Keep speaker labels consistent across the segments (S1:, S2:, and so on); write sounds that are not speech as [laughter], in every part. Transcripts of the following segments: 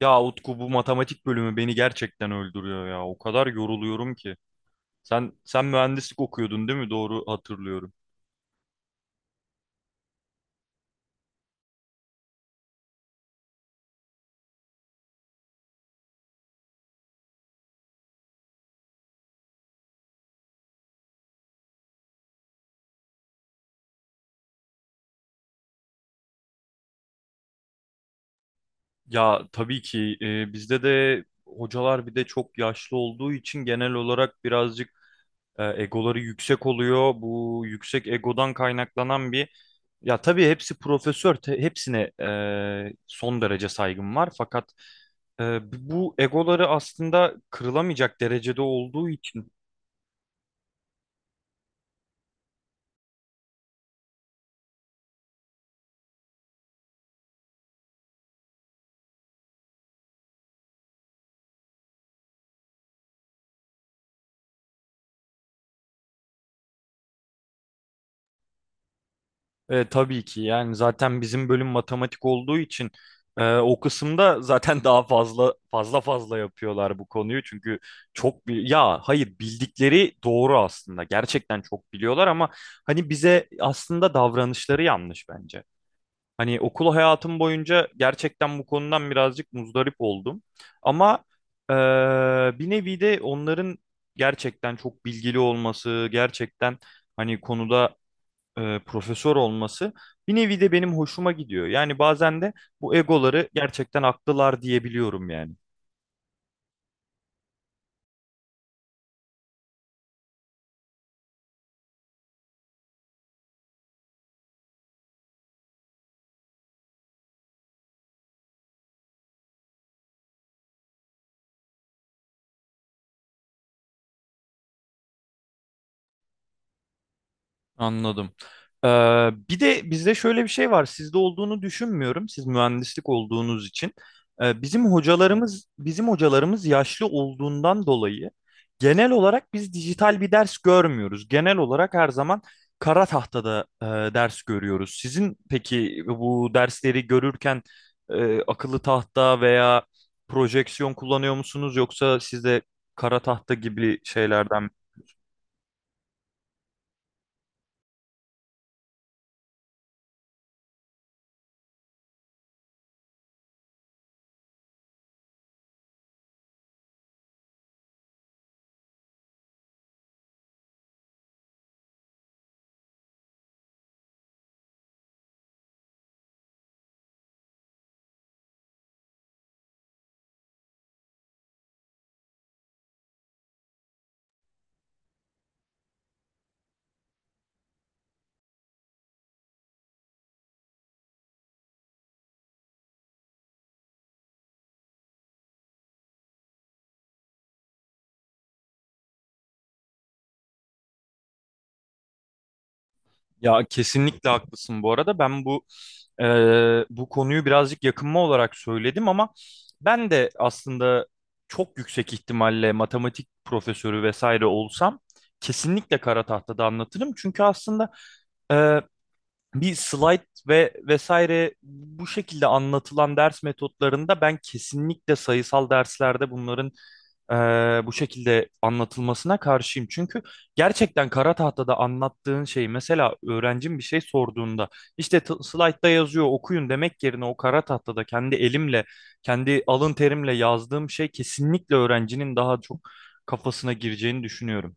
S1: Ya Utku, bu matematik bölümü beni gerçekten öldürüyor ya. O kadar yoruluyorum ki. Sen mühendislik okuyordun değil mi? Doğru hatırlıyorum. Ya tabii ki bizde de hocalar, bir de çok yaşlı olduğu için, genel olarak birazcık egoları yüksek oluyor. Bu yüksek egodan kaynaklanan bir, ya tabii hepsi profesör, hepsine son derece saygım var. Fakat e, bu egoları aslında kırılamayacak derecede olduğu için. Tabii ki, yani zaten bizim bölüm matematik olduğu için o kısımda zaten [laughs] daha fazla yapıyorlar bu konuyu. Çünkü çok bir, ya hayır, bildikleri doğru aslında, gerçekten çok biliyorlar ama hani bize aslında davranışları yanlış bence. Hani okul hayatım boyunca gerçekten bu konudan birazcık muzdarip oldum. Ama e, bir nevi de onların gerçekten çok bilgili olması, gerçekten hani konuda profesör olması bir nevi de benim hoşuma gidiyor. Yani bazen de bu egoları gerçekten haklılar diyebiliyorum yani. Anladım. Ee, Bir de bizde şöyle bir şey var. Sizde olduğunu düşünmüyorum. Siz mühendislik olduğunuz için. Bizim hocalarımız yaşlı olduğundan dolayı genel olarak biz dijital bir ders görmüyoruz. Genel olarak her zaman kara tahtada ders görüyoruz. Sizin peki bu dersleri görürken akıllı tahta veya projeksiyon kullanıyor musunuz, yoksa sizde kara tahta gibi şeylerden? Ya kesinlikle haklısın bu arada. Ben bu e, bu konuyu birazcık yakınma olarak söyledim ama ben de aslında çok yüksek ihtimalle matematik profesörü vesaire olsam kesinlikle kara tahtada anlatırım. Çünkü aslında e, bir slide ve vesaire, bu şekilde anlatılan ders metotlarında, ben kesinlikle sayısal derslerde bunların eee, bu şekilde anlatılmasına karşıyım. Çünkü gerçekten kara tahtada anlattığın şeyi, mesela öğrencim bir şey sorduğunda işte slaytta yazıyor okuyun demek yerine, o kara tahtada kendi elimle, kendi alın terimle yazdığım şey kesinlikle öğrencinin daha çok kafasına gireceğini düşünüyorum.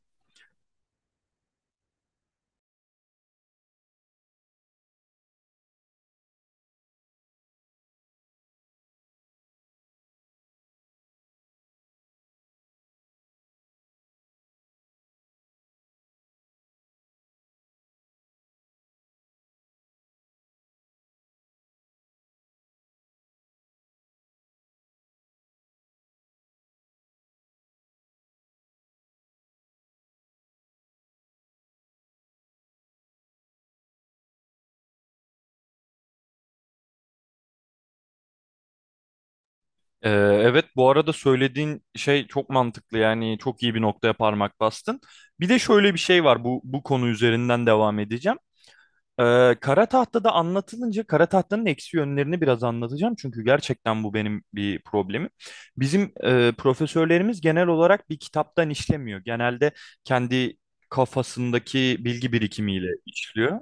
S1: Evet, bu arada söylediğin şey çok mantıklı, yani çok iyi bir noktaya parmak bastın. Bir de şöyle bir şey var, bu konu üzerinden devam edeceğim. Kara Tahta'da anlatılınca Kara Tahta'nın eksi yönlerini biraz anlatacağım. Çünkü gerçekten bu benim bir problemim. Bizim profesörlerimiz genel olarak bir kitaptan işlemiyor. Genelde kendi kafasındaki bilgi birikimiyle işliyor.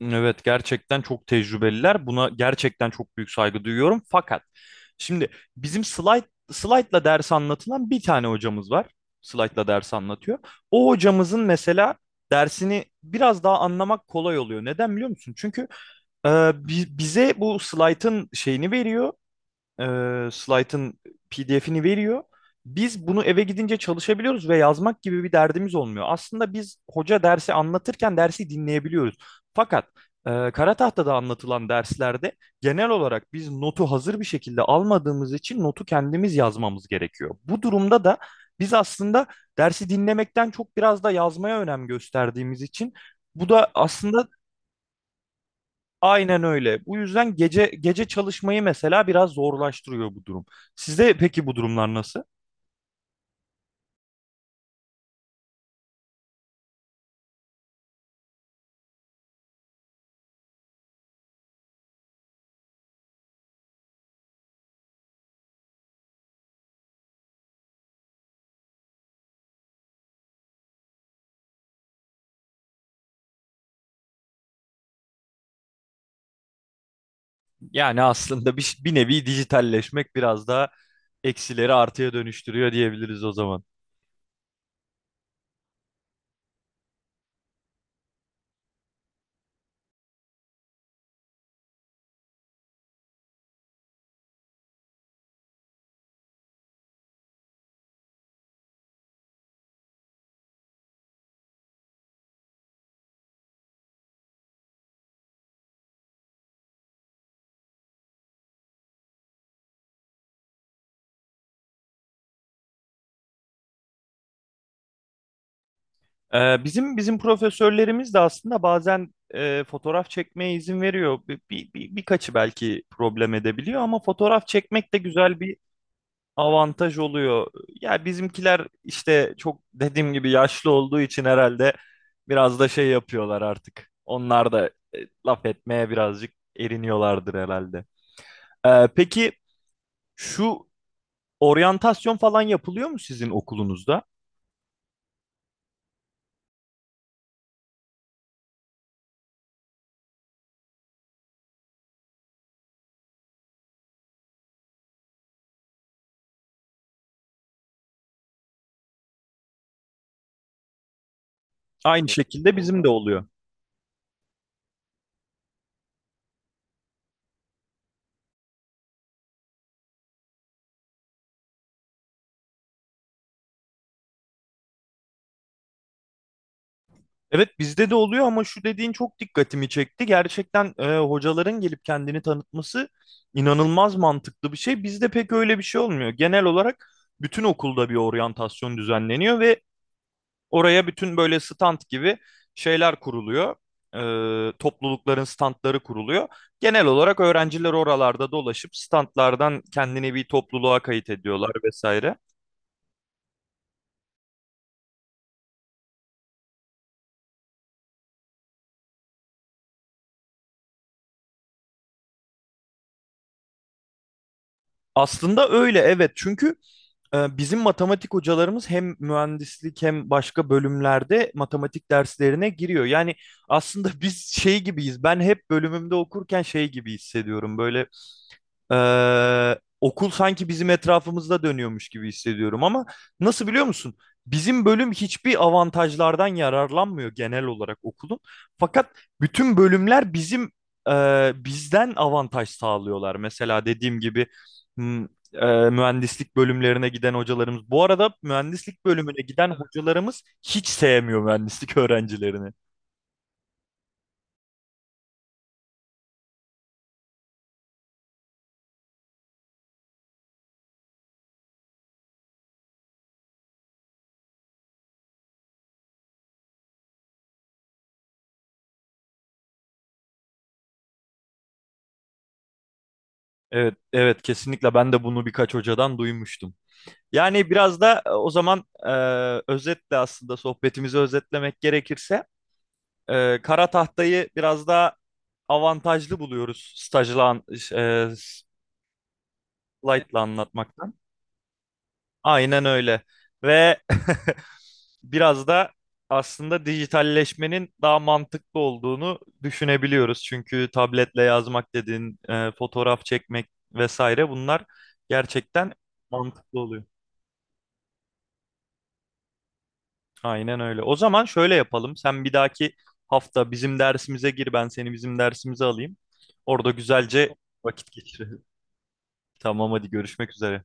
S1: Evet, gerçekten çok tecrübeliler. Buna gerçekten çok büyük saygı duyuyorum. Fakat şimdi bizim slide'la ders anlatılan bir tane hocamız var. Slide'la ders anlatıyor. O hocamızın mesela dersini biraz daha anlamak kolay oluyor. Neden biliyor musun? Çünkü e, bize bu slide'ın şeyini veriyor, slaytın PDF'ini veriyor. Biz bunu eve gidince çalışabiliyoruz ve yazmak gibi bir derdimiz olmuyor. Aslında biz, hoca dersi anlatırken dersi dinleyebiliyoruz. Fakat kara tahtada anlatılan derslerde genel olarak biz notu hazır bir şekilde almadığımız için notu kendimiz yazmamız gerekiyor. Bu durumda da biz aslında dersi dinlemekten çok biraz da yazmaya önem gösterdiğimiz için, bu da aslında... Aynen öyle. Bu yüzden gece gece çalışmayı mesela biraz zorlaştırıyor bu durum. Sizde peki bu durumlar nasıl? Yani aslında bir, bir nevi dijitalleşmek biraz daha eksileri artıya dönüştürüyor diyebiliriz o zaman. Bizim profesörlerimiz de aslında bazen fotoğraf çekmeye izin veriyor. Birkaçı belki problem edebiliyor ama fotoğraf çekmek de güzel bir avantaj oluyor. Ya bizimkiler işte çok, dediğim gibi, yaşlı olduğu için herhalde biraz da şey yapıyorlar artık. Onlar da e, laf etmeye birazcık eriniyorlardır herhalde. Peki şu oryantasyon falan yapılıyor mu sizin okulunuzda? Aynı şekilde bizim de oluyor. Evet, bizde de oluyor ama şu dediğin çok dikkatimi çekti. Gerçekten hocaların gelip kendini tanıtması inanılmaz mantıklı bir şey. Bizde pek öyle bir şey olmuyor. Genel olarak bütün okulda bir oryantasyon düzenleniyor ve oraya bütün, böyle stand gibi şeyler kuruluyor. E, toplulukların standları kuruluyor. Genel olarak öğrenciler oralarda dolaşıp standlardan kendini bir topluluğa kayıt ediyorlar vesaire. Aslında öyle, evet, çünkü bizim matematik hocalarımız hem mühendislik hem başka bölümlerde matematik derslerine giriyor. Yani aslında [laughs] biz şey gibiyiz. Ben hep bölümümde okurken şey gibi hissediyorum. Böyle okul sanki bizim etrafımızda dönüyormuş gibi hissediyorum ama, nasıl biliyor musun? Bizim bölüm hiçbir avantajlardan yararlanmıyor genel olarak okulun. Fakat bütün bölümler bizim, bizden avantaj sağlıyorlar. Mesela dediğim gibi m- mühendislik bölümlerine giden hocalarımız. Bu arada mühendislik bölümüne giden hocalarımız hiç sevmiyor mühendislik öğrencilerini. Evet, evet, kesinlikle ben de bunu birkaç hocadan duymuştum. Yani biraz da o zaman, özetle, aslında sohbetimizi özetlemek gerekirse, kara tahtayı biraz daha avantajlı buluyoruz stajla, e, slaytla anlatmaktan. Aynen öyle. Ve [laughs] biraz da aslında dijitalleşmenin daha mantıklı olduğunu düşünebiliyoruz. Çünkü tabletle yazmak dediğin, fotoğraf çekmek vesaire, bunlar gerçekten mantıklı oluyor. Aynen öyle. O zaman şöyle yapalım. Sen bir dahaki hafta bizim dersimize gir, ben seni bizim dersimize alayım. Orada güzelce vakit geçirelim. Tamam, hadi görüşmek üzere.